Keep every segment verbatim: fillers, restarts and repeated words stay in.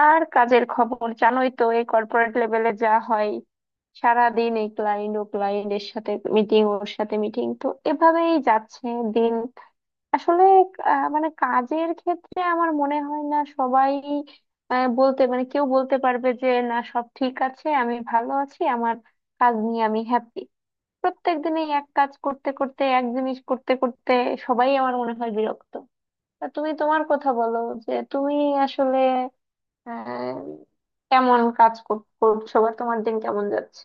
আর কাজের খবর জানোই তো, এই কর্পোরেট লেভেলে যা হয়। সারাদিন এই ক্লায়েন্ট ও ক্লায়েন্ট এর সাথে মিটিং, ওর সাথে মিটিং, তো এভাবেই যাচ্ছে দিন। আসলে আহ, মানে কাজের ক্ষেত্রে আমার মনে হয় না সবাই আহ, বলতে মানে কেউ বলতে পারবে যে না সব ঠিক আছে, আমি ভালো আছি, আমার কাজ নিয়ে আমি হ্যাপি। প্রত্যেক দিনে এক কাজ করতে করতে এক জিনিস করতে করতে সবাই আমার মনে হয় বিরক্ত। তা তুমি তোমার কথা বলো, যে তুমি আসলে আহ, কেমন কাজ কর- করছো বা তোমার দিন কেমন যাচ্ছে?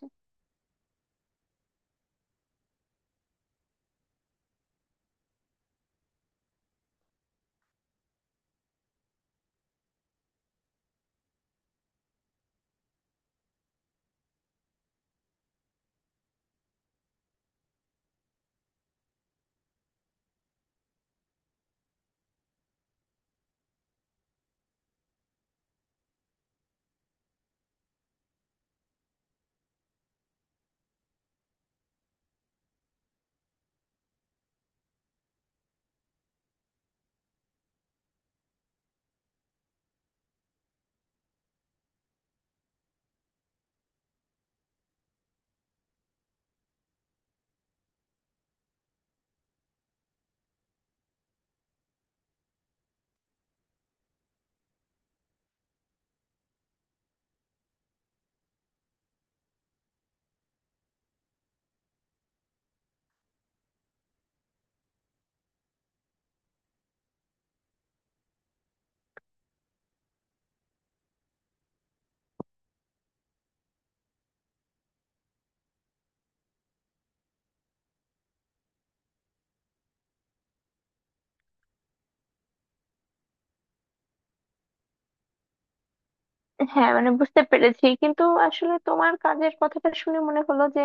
হ্যাঁ মানে বুঝতে পেরেছি, কিন্তু আসলে তোমার কাজের কথাটা শুনে মনে হলো যে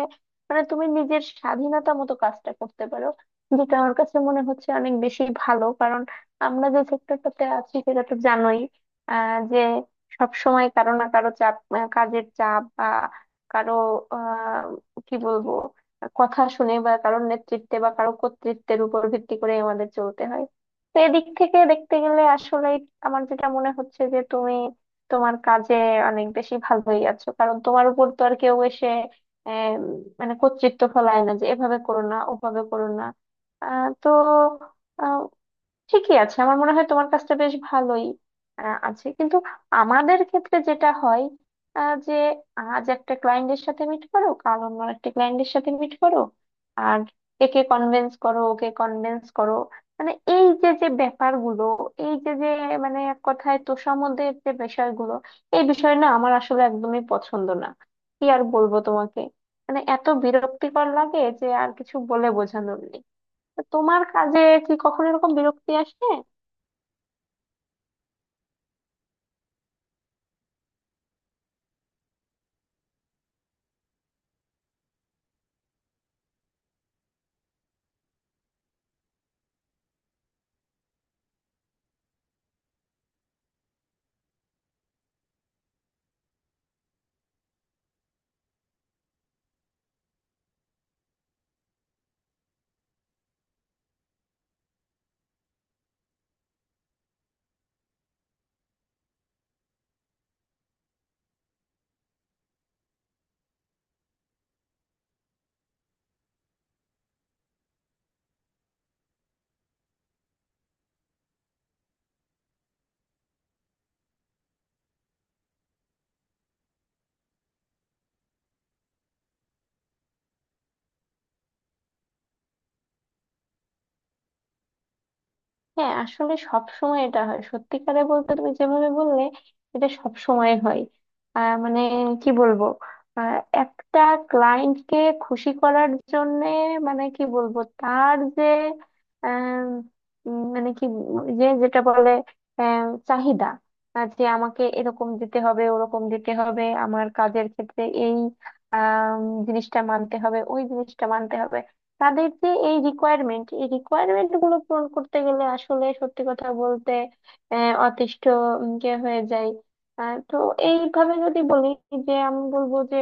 মানে তুমি নিজের স্বাধীনতা মতো কাজটা করতে পারো, যেটা আমার কাছে মনে হচ্ছে অনেক বেশি ভালো। কারণ আমরা যে সেক্টরটাতে আছি সেটা তো জানোই আহ যে সব সময় কারো না কারো চাপ, আহ, কাজের চাপ বা কারো আহ কি বলবো কথা শুনে বা কারোর নেতৃত্বে বা কারো কর্তৃত্বের উপর ভিত্তি করে আমাদের চলতে হয়। তো এদিক থেকে দেখতে গেলে আসলে আমার যেটা মনে হচ্ছে যে তুমি তোমার কাজে অনেক বেশি ভালোই আছো, কারণ তোমার উপর তো আর কেউ এসে আহ, মানে কর্তৃত্ব ফলায় না, যে এভাবে করো না ওভাবে করো না। আহ, তো ঠিকই আছে, আমার মনে হয় তোমার কাজটা বেশ ভালোই আহ, আছে। কিন্তু আমাদের ক্ষেত্রে যেটা হয় আহ, যে আজ একটা ক্লায়েন্টের সাথে মিট করো, কাল অন্য একটা ক্লায়েন্টের সাথে মিট করো, আর একে কনভিন্স করো ওকে কনভিন্স করো। মানে এই যে যে ব্যাপারগুলো, এই যে যে মানে এক কথায় তোষামোদের যে বিষয়গুলো, এই বিষয় না আমার আসলে একদমই পছন্দ না। কি আর বলবো তোমাকে, মানে এত বিরক্তিকর লাগে যে আর কিছু বলে বোঝানোর নেই। তা তোমার কাজে কি কখনো এরকম বিরক্তি আসে? হ্যাঁ আসলে সব সময় এটা হয়, সত্যিকারে বলতে তুমি যেভাবে বললে এটা সব সময় হয়। আহ, মানে কি বলবো আহ, একটা ক্লায়েন্টকে খুশি করার জন্য মানে কি বলবো তার যে আম, উম, মানে কি যে যেটা বলে আম, চাহিদা আহ, যে আমাকে এরকম দিতে হবে ওরকম দিতে হবে, আমার কাজের ক্ষেত্রে এই আম, জিনিসটা মানতে হবে ওই জিনিসটা মানতে হবে। তাদের যে এই রিকোয়ারমেন্ট এই রিকোয়ারমেন্ট গুলো পূরণ করতে গেলে আসলে সত্যি কথা বলতে আহ, অতিষ্ঠ উম, যে হয়ে যায়। আহ, তো এইভাবে যদি বলি যে আমি বলবো যে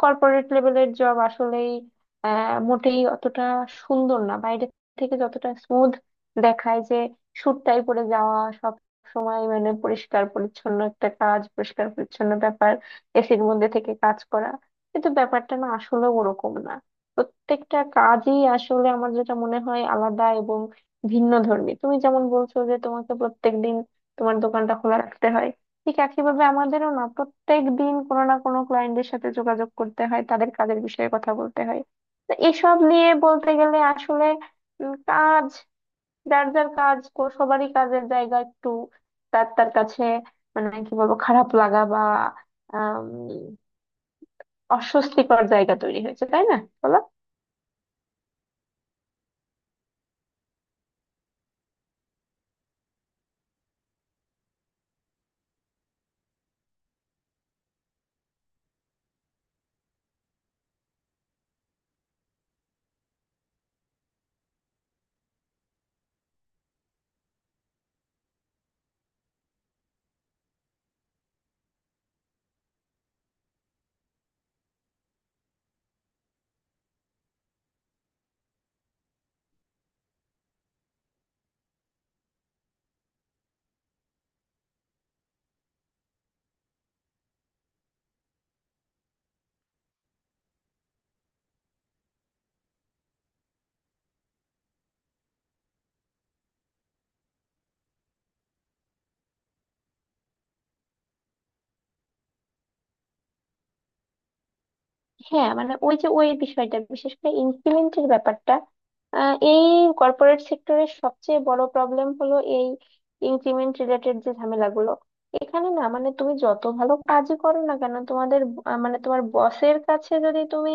কর্পোরেট লেভেলের জব আসলেই আহ, মোটেই অতটা সুন্দর না, বাইরে থেকে যতটা স্মুথ দেখায় যে সুটটাই পরে যাওয়া সব সময়, মানে পরিষ্কার পরিচ্ছন্ন একটা কাজ পরিষ্কার পরিচ্ছন্ন ব্যাপার, এসির মধ্যে থেকে কাজ করা, কিন্তু ব্যাপারটা না আসলে ওরকম না। প্রত্যেকটা কাজই আসলে আমার যেটা মনে হয় আলাদা এবং ভিন্ন ধর্মী। তুমি যেমন বলছো যে তোমাকে প্রত্যেকদিন তোমার দোকানটা খোলা রাখতে হয়, ঠিক একইভাবে আমাদেরও না প্রত্যেক দিন কোনো না কোনো ক্লায়েন্টের সাথে যোগাযোগ করতে হয়, তাদের কাজের বিষয়ে কথা বলতে হয়। তো এসব নিয়ে বলতে গেলে আসলে উম, কাজ যার যার কাজ কো- সবারই কাজের জায়গা একটু তার তার কাছে মানে কি বলবো খারাপ লাগা বা আম, অস্বস্তিকর জায়গা তৈরি হয়েছে, তাই না বলো? হ্যাঁ মানে ওই যে ওই বিষয়টা বিশেষ করে ইনক্রিমেন্টের ব্যাপারটা আহ, এই কর্পোরেট সেক্টরের সবচেয়ে বড় প্রবলেম হলো এই ইনক্রিমেন্ট রিলেটেড যে ঝামেলাগুলো। এখানে না মানে তুমি যত ভালো কাজই করো না কেন তোমাদের আহ, মানে তোমার বসের কাছে যদি তুমি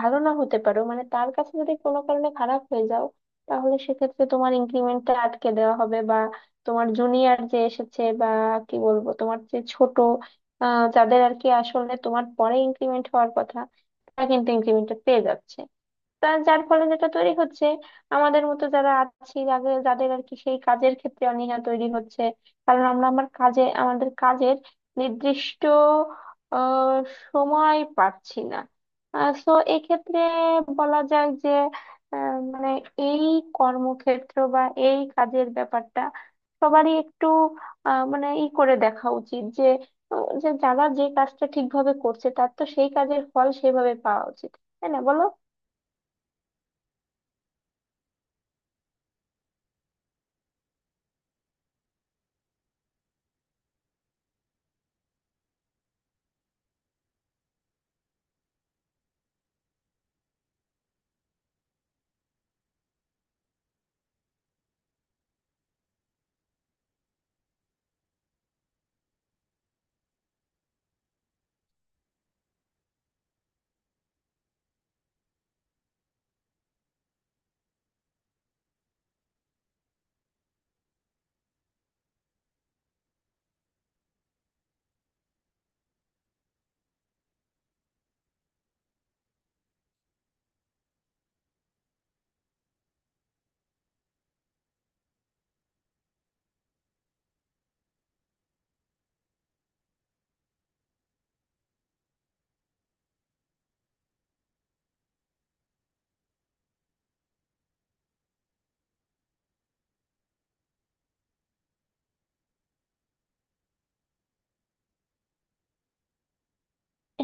ভালো না হতে পারো, মানে তার কাছে যদি কোনো কারণে খারাপ হয়ে যাও, তাহলে সেক্ষেত্রে তোমার ইনক্রিমেন্টটা আটকে দেওয়া হবে বা তোমার জুনিয়র যে এসেছে বা কি বলবো তোমার যে ছোট আহ যাদের আর কি আসলে তোমার পরে ইনক্রিমেন্ট হওয়ার কথা কিন্তু ইনক্রিমেন্টটা পেয়ে যাচ্ছে। তার যার ফলে যেটা তৈরি হচ্ছে আমাদের মতো যারা আছি যাদের যাদের আর কি সেই কাজের ক্ষেত্রে অনীহা তৈরি হচ্ছে। কারণ আমরা আমার কাজে আমাদের কাজের নির্দিষ্ট আহ, সময় পাচ্ছি না। তো এক্ষেত্রে বলা যায় যে আহ, মানে এই কর্মক্ষেত্র বা এই কাজের ব্যাপারটা সবারই একটু আহ, মানে ই করে দেখা উচিত, যে আহ, যে যারা যে কাজটা ঠিকভাবে করছে তার তো সেই কাজের ফল সেভাবে পাওয়া উচিত, তাই না বলো?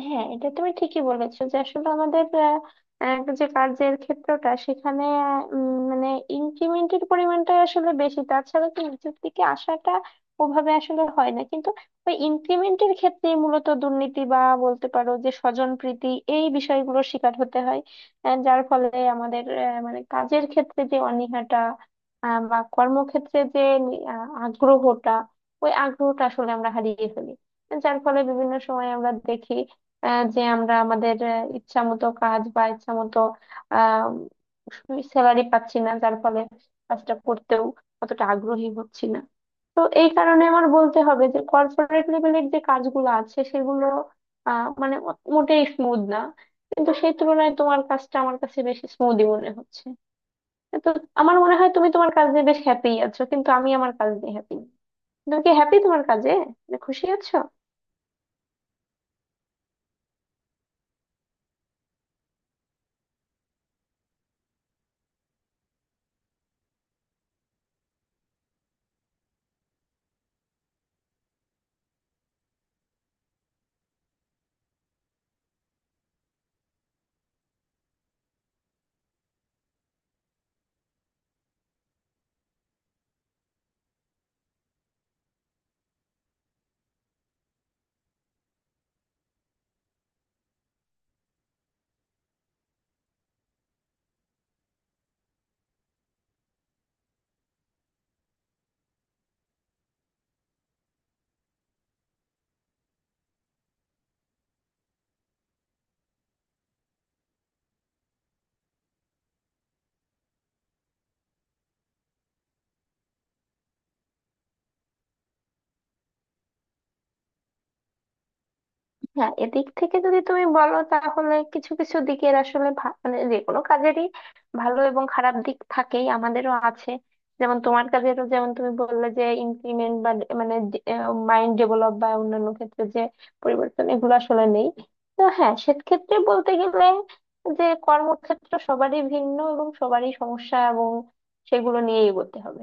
হ্যাঁ এটা তুমি ঠিকই বলেছো যে আসলে আমাদের আহ, আহ, যে কাজের ক্ষেত্রটা সেখানে আহ, উম, মানে ইনক্রিমেন্টের পরিমাণটা আসলে বেশি, তাছাড়া তো নিচের দিকে আসাটা ওভাবে আসলে হয় না। কিন্তু ওই ইনক্রিমেন্টের ক্ষেত্রে মূলত দুর্নীতি বা বলতে পারো যে স্বজনপ্রীতি, এই বিষয়গুলোর শিকার হতে হয়। আহ, যার ফলে আমাদের আহ, মানে কাজের ক্ষেত্রে যে অনীহাটা আহ, বা কর্মক্ষেত্রে যে আহ, আগ্রহটা, ওই আগ্রহটা আসলে আমরা হারিয়ে ফেলি। যার ফলে বিভিন্ন সময় আমরা দেখি আহ, যে আমরা আমাদের আহ, ইচ্ছা মতো কাজ বা ইচ্ছা মতো আহ স্যালারি পাচ্ছি না, যার ফলে কাজটা করতেও অতটা আগ্রহী হচ্ছি না। তো এই কারণে আমার বলতে হবে যে কর্পোরেট লেভেলের যে কাজগুলো আছে সেগুলো আহ মানে ও- মোটেই স্মুথ না, কিন্তু সেই তুলনায় তোমার কাজটা আমার কাছে বেশি স্মুথই মনে হচ্ছে। তো আমার মনে হয় তুমি তোমার কাজে বেশ হ্যাপি আছো কিন্তু আমি আমার কাজ নিয়ে হ্যাপি। তুমি কি হ্যাপি তোমার কাজে, মানে খুশি আছো? হ্যাঁ এদিক থেকে যদি তুমি বলো তাহলে কিছু কিছু দিকের আসলে ভা- মানে যে কোনো কাজেরই ভালো এবং খারাপ দিক থাকেই, আমাদেরও আছে। যেমন তোমার কাজেরও যেমন তুমি বললে যে ইনক্রিমেন্ট বা ডে- মানে মাইন্ড ডেভেলপ বা অন্যান্য ক্ষেত্রে যে পরিবর্তন, এগুলো আসলে নেই। তো হ্যাঁ সেক্ষেত্রে বলতে গেলে যে কর্মক্ষেত্র সবারই ভিন্ন এবং সবারই সমস্যা এবং সেগুলো নিয়ে এগোতে হবে।